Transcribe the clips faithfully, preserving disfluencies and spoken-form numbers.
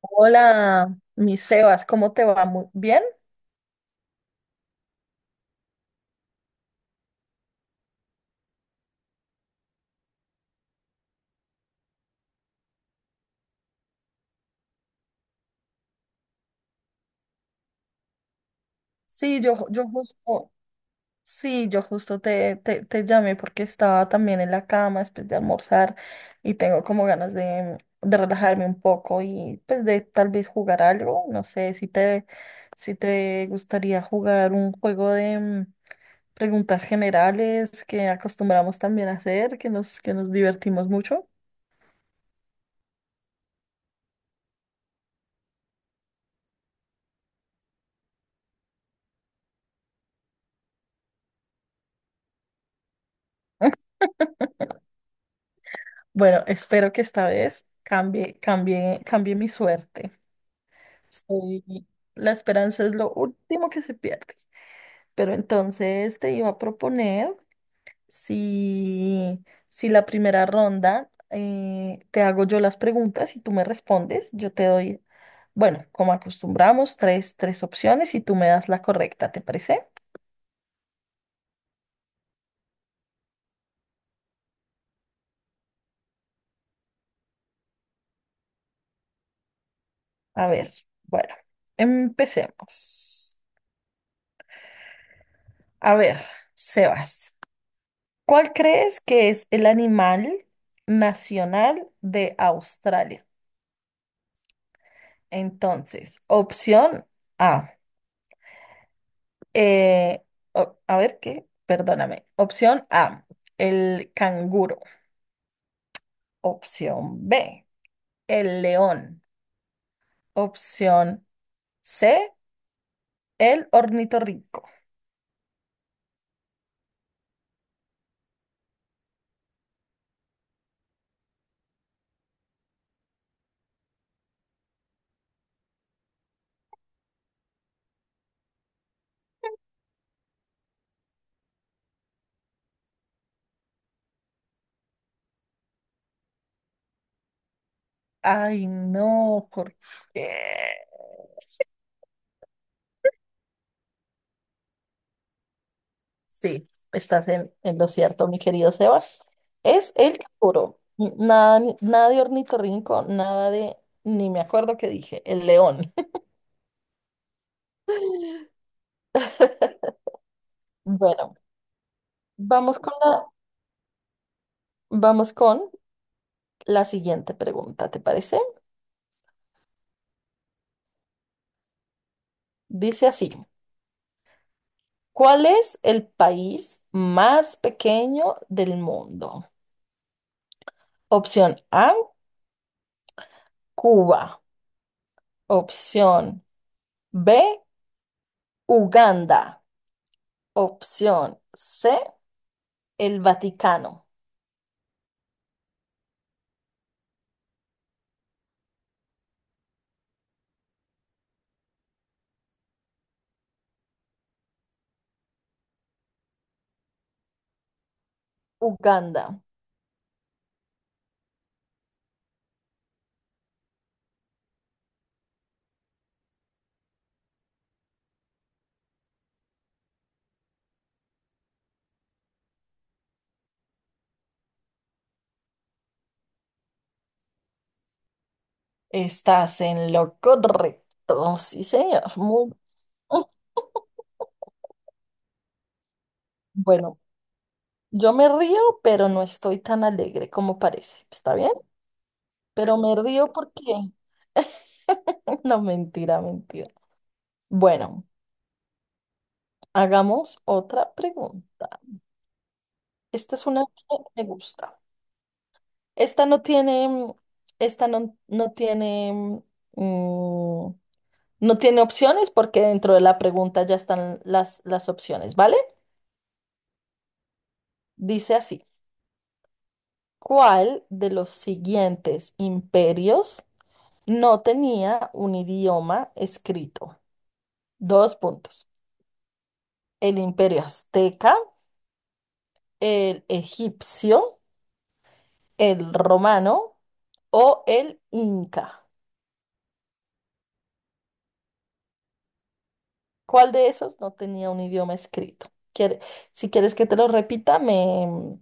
Hola, mi Sebas, ¿cómo te va? Muy bien. Sí, yo, ju- yo justo, sí, yo justo te, te, te llamé porque estaba también en la cama después de almorzar y tengo como ganas de, de relajarme un poco y pues de tal vez jugar algo. No sé si te, si te gustaría jugar un juego de, mm, preguntas generales que acostumbramos también a hacer, que nos, que nos divertimos mucho. Bueno, espero que esta vez cambie, cambie, cambie mi suerte. Soy- la esperanza es lo último que se pierde. Pero entonces te iba a proponer si, si la primera ronda eh, te hago yo las preguntas y tú me respondes, yo te doy, bueno, como acostumbramos, tres, tres opciones y tú me das la correcta, ¿te parece? A ver, bueno, empecemos. A ver, Sebas, ¿cuál crees que es el animal nacional de Australia? Entonces, opción A. Eh, o- a ver qué, Perdóname. Opción A, el canguro. Opción B, el león. Opción C, el ornitorrinco. Ay, no, ¿por qué? Sí, estás en, en lo cierto, mi querido Sebas. Es el canguro. N- Nada, ni- nada de ornitorrinco, nada de, ni me acuerdo qué dije, el león. Bueno, vamos con la, vamos con la siguiente pregunta, ¿te parece? Dice así, ¿cuál es el país más pequeño del mundo? Opción A, Cuba. Opción B, Uganda. Opción C, el Vaticano. Uganda. Estás en lo correcto. Sí, señor. Muy... Mm. Bueno, yo me río, pero no estoy tan alegre como parece. ¿Está bien? Pero me río porque... No, mentira, mentira. Bueno, hagamos otra pregunta. Esta es una que me gusta. Esta no tiene, mm, esta no, no tiene, mm, no tiene opciones porque dentro de la pregunta ya están las, las opciones, ¿vale? Dice así, ¿cuál de los siguientes imperios no tenía un idioma escrito? Dos puntos. El imperio azteca, el egipcio, el romano o el inca. ¿Cuál de esos no tenía un idioma escrito? Quiere- si quieres que te lo repita, me...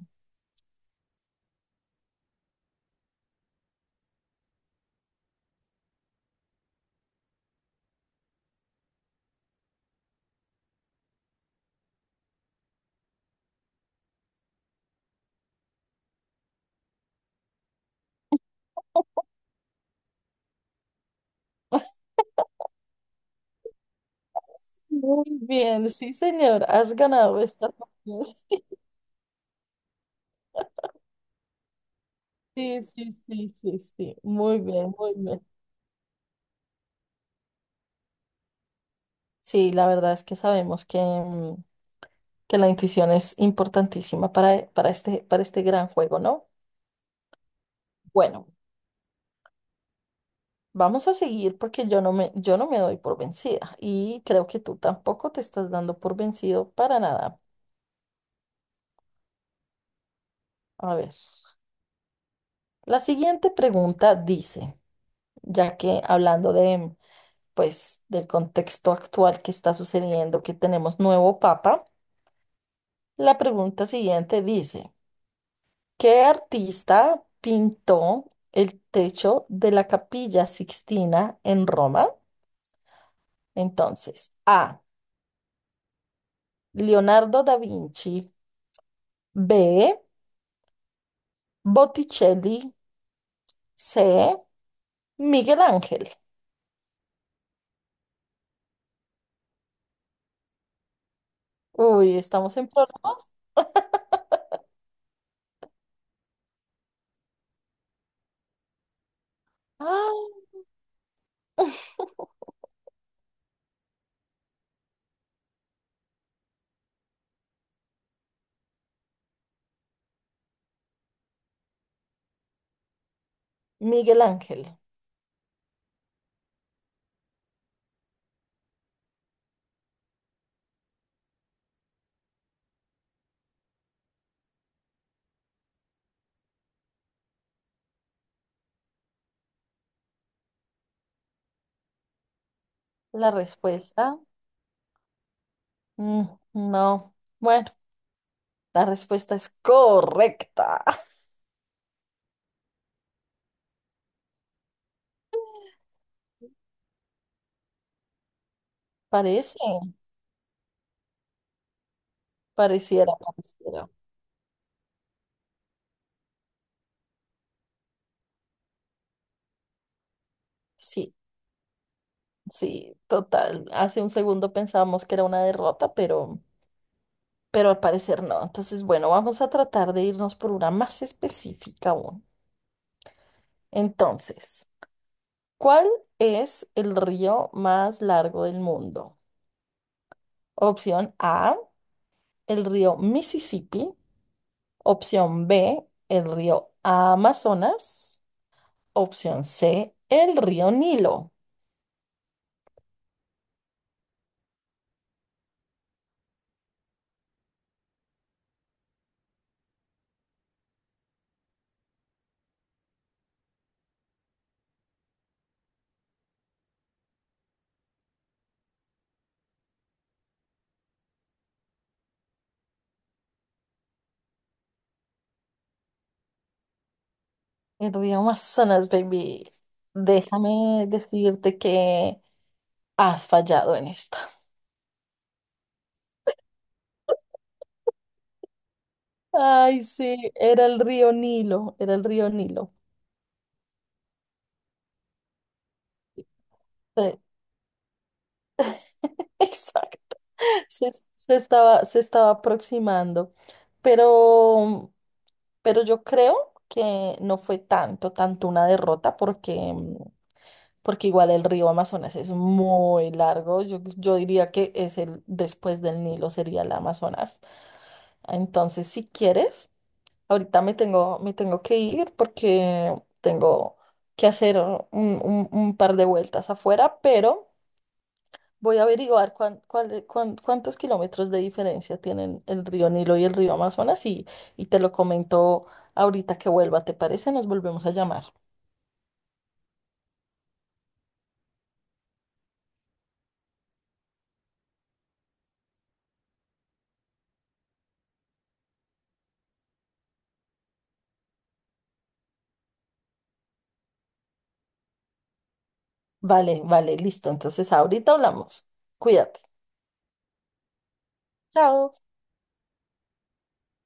Muy bien, sí, señor, has ganado esta partida. Sí, sí, sí, sí, sí, muy bien, muy bien. Sí, la verdad es que sabemos que, mm, que la intuición es importantísima para, para este, para este gran juego, ¿no? Bueno, vamos a seguir porque yo no me, yo no me doy por vencida y creo que tú tampoco te estás dando por vencido para nada. A ver, la siguiente pregunta dice, ya que hablando de, pues, del contexto actual que está sucediendo, que tenemos nuevo papa, la pregunta siguiente dice, ¿qué artista pintó el techo de la Capilla Sixtina en Roma? Entonces, A, Leonardo da Vinci, B, Botticelli, C, Miguel Ángel. Uy, ¿estamos en problemas? ¡Ah! Miguel Ángel. La respuesta, mm, no. Bueno, la respuesta es correcta. Parece, pareciera, pareciera. Sí, sí, total. Hace un segundo pensábamos que era una derrota, pero, pero al parecer no. Entonces, bueno, vamos a tratar de irnos por una más específica aún. Entonces, ¿cuál es el río más largo del mundo? Opción A, el río Mississippi. Opción B, el río Amazonas. Opción C, el río Nilo. El río Amazonas, baby. Déjame decirte que has fallado en esta. Ay, sí, era el río Nilo, era el río Nilo. Eh, Exacto. Se, se estaba, se estaba aproximando. Pero, pero yo creo que no fue tanto, tanto una derrota porque mm, porque igual el río Amazonas es muy largo. Yo, yo diría que es el después del Nilo sería el Amazonas. Entonces, si quieres, ahorita me tengo, me tengo que ir porque tengo que hacer un, un- un par de vueltas afuera, pero voy a averiguar cuán- cuál- cuán- cuántos kilómetros de diferencia tienen el río Nilo y el río Amazonas y, y te lo comento ahorita que vuelva, ¿te parece? Nos volvemos a llamar. Vale, vale, listo. Entonces, ahorita hablamos. Cuídate. Chao.